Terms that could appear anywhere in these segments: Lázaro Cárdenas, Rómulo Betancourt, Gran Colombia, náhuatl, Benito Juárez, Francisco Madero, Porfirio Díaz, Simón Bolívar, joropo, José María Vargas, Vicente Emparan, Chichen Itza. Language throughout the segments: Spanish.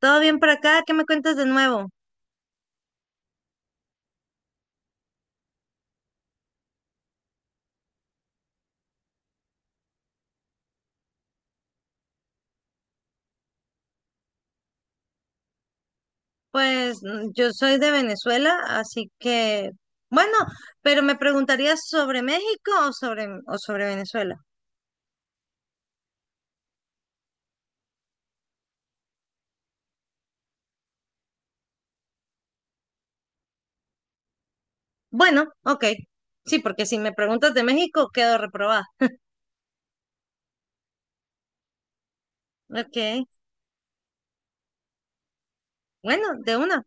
¿Todo bien por acá? ¿Qué me cuentas de nuevo? Pues yo soy de Venezuela, así que, bueno, pero me preguntarías sobre México o sobre Venezuela. Bueno, ok. Sí, porque si me preguntas de México, quedo reprobada. Ok. Bueno, de una.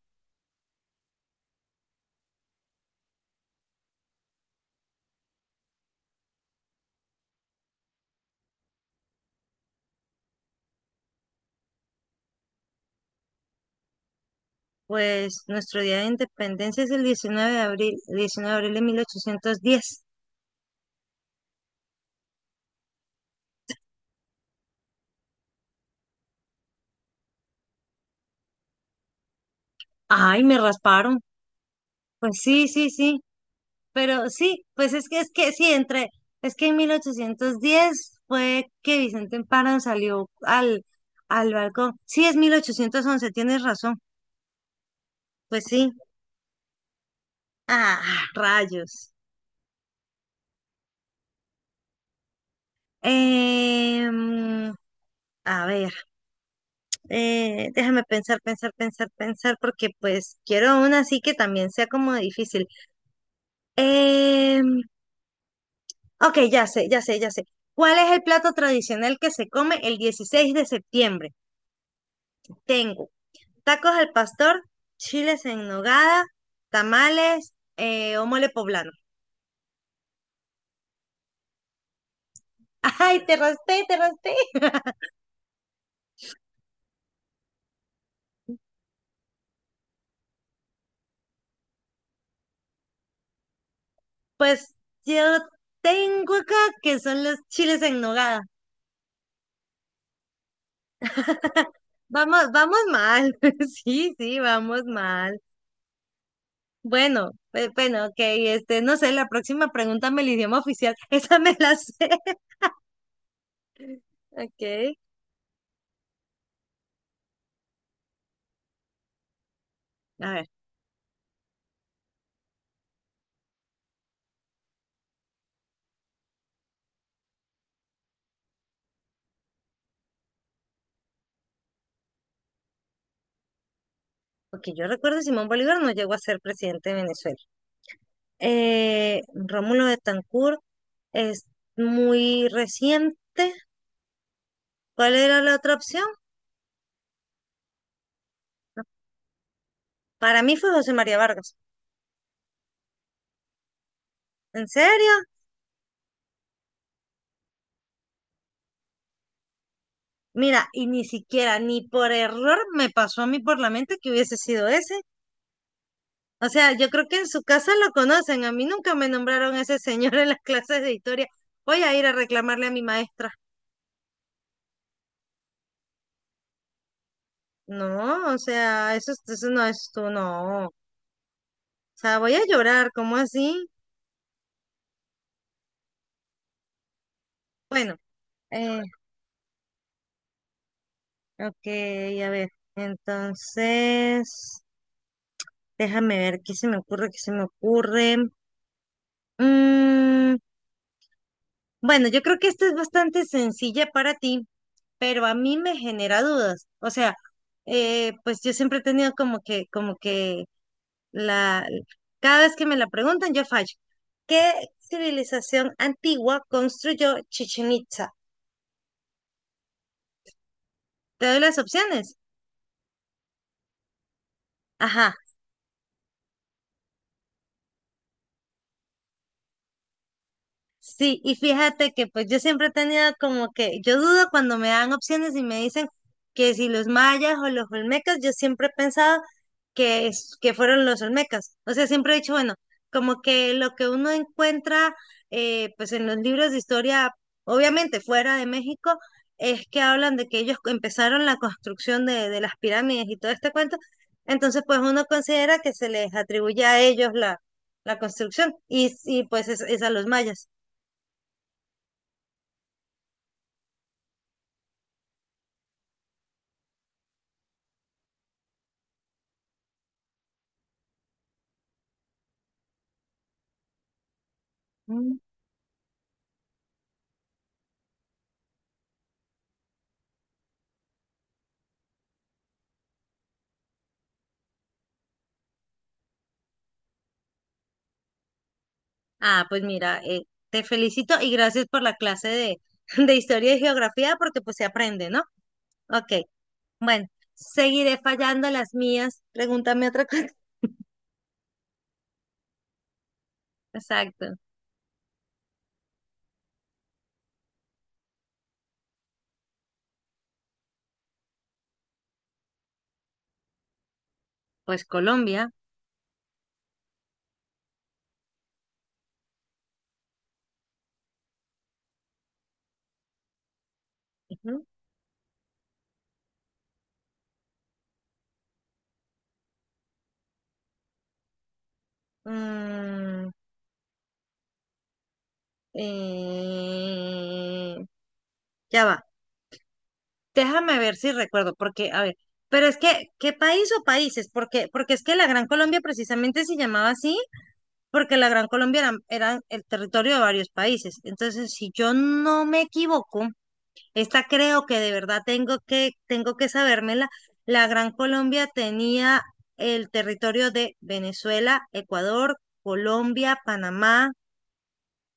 Pues nuestro día de independencia es el 19 de abril de 1810. Ay, me rasparon. Pues sí, sí, sí. Pero sí, pues es que sí, entre, es que en 1810 fue que Vicente Emparan salió al, al balcón. Sí, es 1811, tienes razón. Pues sí. Ah, rayos. Em, a ver, déjame pensar, pensar, pensar, pensar, porque pues quiero una así que también sea como difícil. Em, ok, ya sé, ya sé, ya sé. ¿Cuál es el plato tradicional que se come el 16 de septiembre? Tengo tacos al pastor, chiles en nogada, tamales o mole poblano. Ay, te raspé, te raspé. Pues yo tengo acá que son los chiles en nogada. Vamos, vamos mal. Sí, sí, vamos mal. Bueno, bueno, ok, este, no sé, la próxima pregúntame el idioma oficial. Esa me la sé. Ok. A ver, porque yo recuerdo Simón Bolívar no llegó a ser presidente de Venezuela. Rómulo Betancourt es muy reciente. ¿Cuál era la otra opción? Para mí fue José María Vargas. ¿En serio? Mira, y ni siquiera, ni por error me pasó a mí por la mente que hubiese sido ese. O sea, yo creo que en su casa lo conocen. A mí nunca me nombraron a ese señor en las clases de historia. Voy a ir a reclamarle a mi maestra. No, o sea, eso no es tú, no. O sea, voy a llorar, ¿cómo así? Bueno, eh, ok, a ver, entonces, déjame ver qué se me ocurre, qué se me ocurre. Mm, bueno, yo creo que esta es bastante sencilla para ti, pero a mí me genera dudas. O sea, pues yo siempre he tenido como que la, cada vez que me la preguntan, yo fallo. ¿Qué civilización antigua construyó Chichen Itza? Te doy las opciones. Ajá. Sí, y fíjate que pues yo siempre he tenido como que, yo dudo cuando me dan opciones y me dicen que si los mayas o los olmecas, yo siempre he pensado que, que fueron los olmecas. O sea, siempre he dicho, bueno, como que lo que uno encuentra pues en los libros de historia, obviamente fuera de México, es que hablan de que ellos empezaron la construcción de las pirámides y todo este cuento. Entonces, pues uno considera que se les atribuye a ellos la, la construcción y pues es a los mayas. Mm. Ah, pues mira, te felicito y gracias por la clase de, de historia y geografía porque pues se aprende, ¿no? Ok, bueno, seguiré fallando las mías. Pregúntame otra cosa. Exacto. Pues Colombia. Ujú. Mm, eh, ya va. Déjame ver si recuerdo, porque, a ver, pero es que, ¿qué país o países? Porque, porque es que la Gran Colombia precisamente se llamaba así porque la Gran Colombia era, era el territorio de varios países. Entonces, si yo no me equivoco, esta creo que de verdad tengo que sabérmela, la Gran Colombia tenía el territorio de Venezuela, Ecuador, Colombia, Panamá,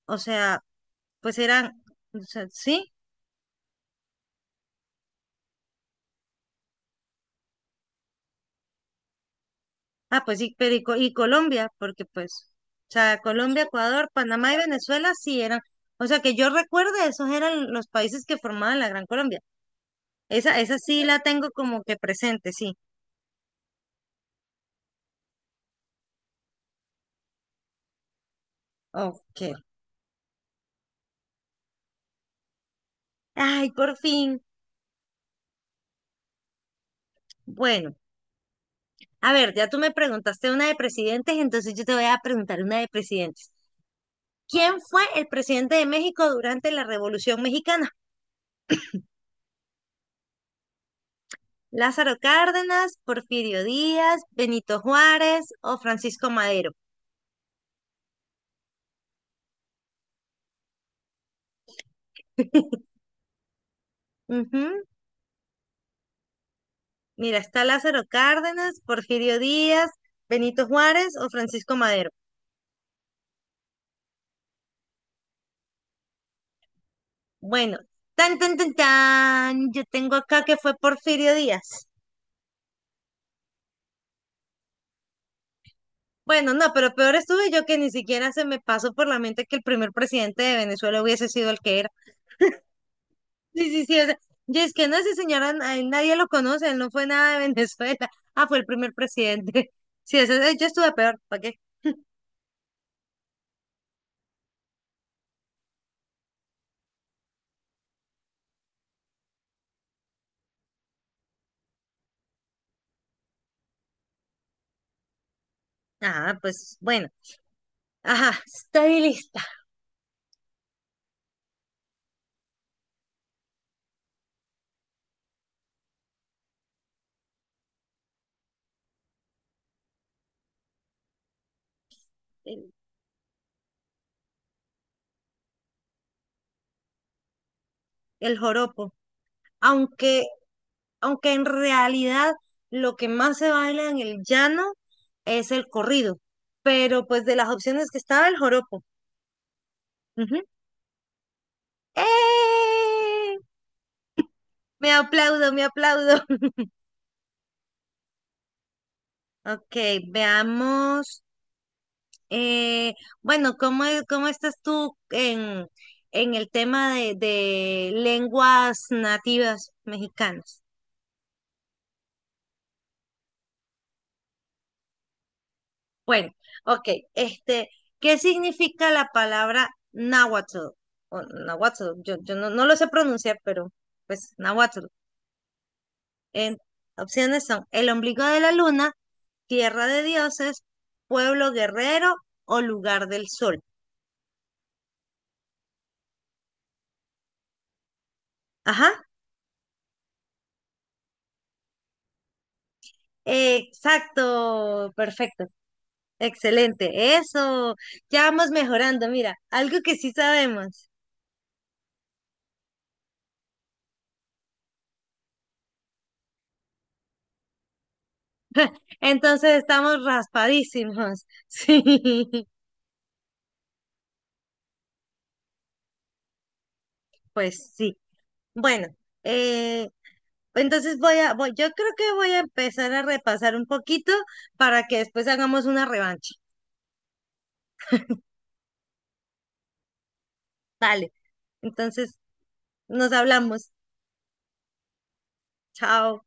o sea, pues eran, o sea, sí, ah, pues sí, pero y, y Colombia, porque pues, o sea, Colombia, Ecuador, Panamá y Venezuela sí eran. O sea, que yo recuerde, esos eran los países que formaban la Gran Colombia. Esa sí la tengo como que presente, sí. Ok. Ay, por fin. Bueno, a ver, ya tú me preguntaste una de presidentes, entonces yo te voy a preguntar una de presidentes. ¿Quién fue el presidente de México durante la Revolución Mexicana? ¿Lázaro Cárdenas, Porfirio Díaz, Benito Juárez o Francisco Madero? Ujú. Mira, está Lázaro Cárdenas, Porfirio Díaz, Benito Juárez o Francisco Madero. Bueno, tan, tan, tan, tan. Yo tengo acá que fue Porfirio Díaz. Bueno, no, pero peor estuve yo que ni siquiera se me pasó por la mente que el primer presidente de Venezuela hubiese sido el que era. Sí, sí, sí, o sea, yo es que no, ese señor a él nadie lo conoce, él no fue nada de Venezuela. Ah, fue el primer presidente. Sí, eso, yo estuve peor, ¿para qué? Ah, pues bueno, ajá, estoy lista. El, el joropo. Aunque, aunque en realidad lo que más se baila en el llano es el corrido. Pero pues de las opciones que estaba el joropo. Ujú. ¡Eh! Me aplaudo, me aplaudo. Ok, veamos. eh, bueno, ¿cómo, cómo estás tú en el tema de lenguas nativas mexicanas? Bueno, ok, este, ¿qué significa la palabra náhuatl? O náhuatl, yo no, no lo sé pronunciar, pero pues náhuatl. En- Opciones son el ombligo de la luna, tierra de dioses, pueblo guerrero o lugar del sol. Ajá. Exacto, perfecto, excelente. Eso, ya vamos mejorando. Mira, algo que sí sabemos. Entonces estamos raspadísimos. Sí, pues sí. Bueno, eh, entonces voy a, voy, yo creo que voy a empezar a repasar un poquito para que después hagamos una revancha. Vale, entonces nos hablamos. Chao.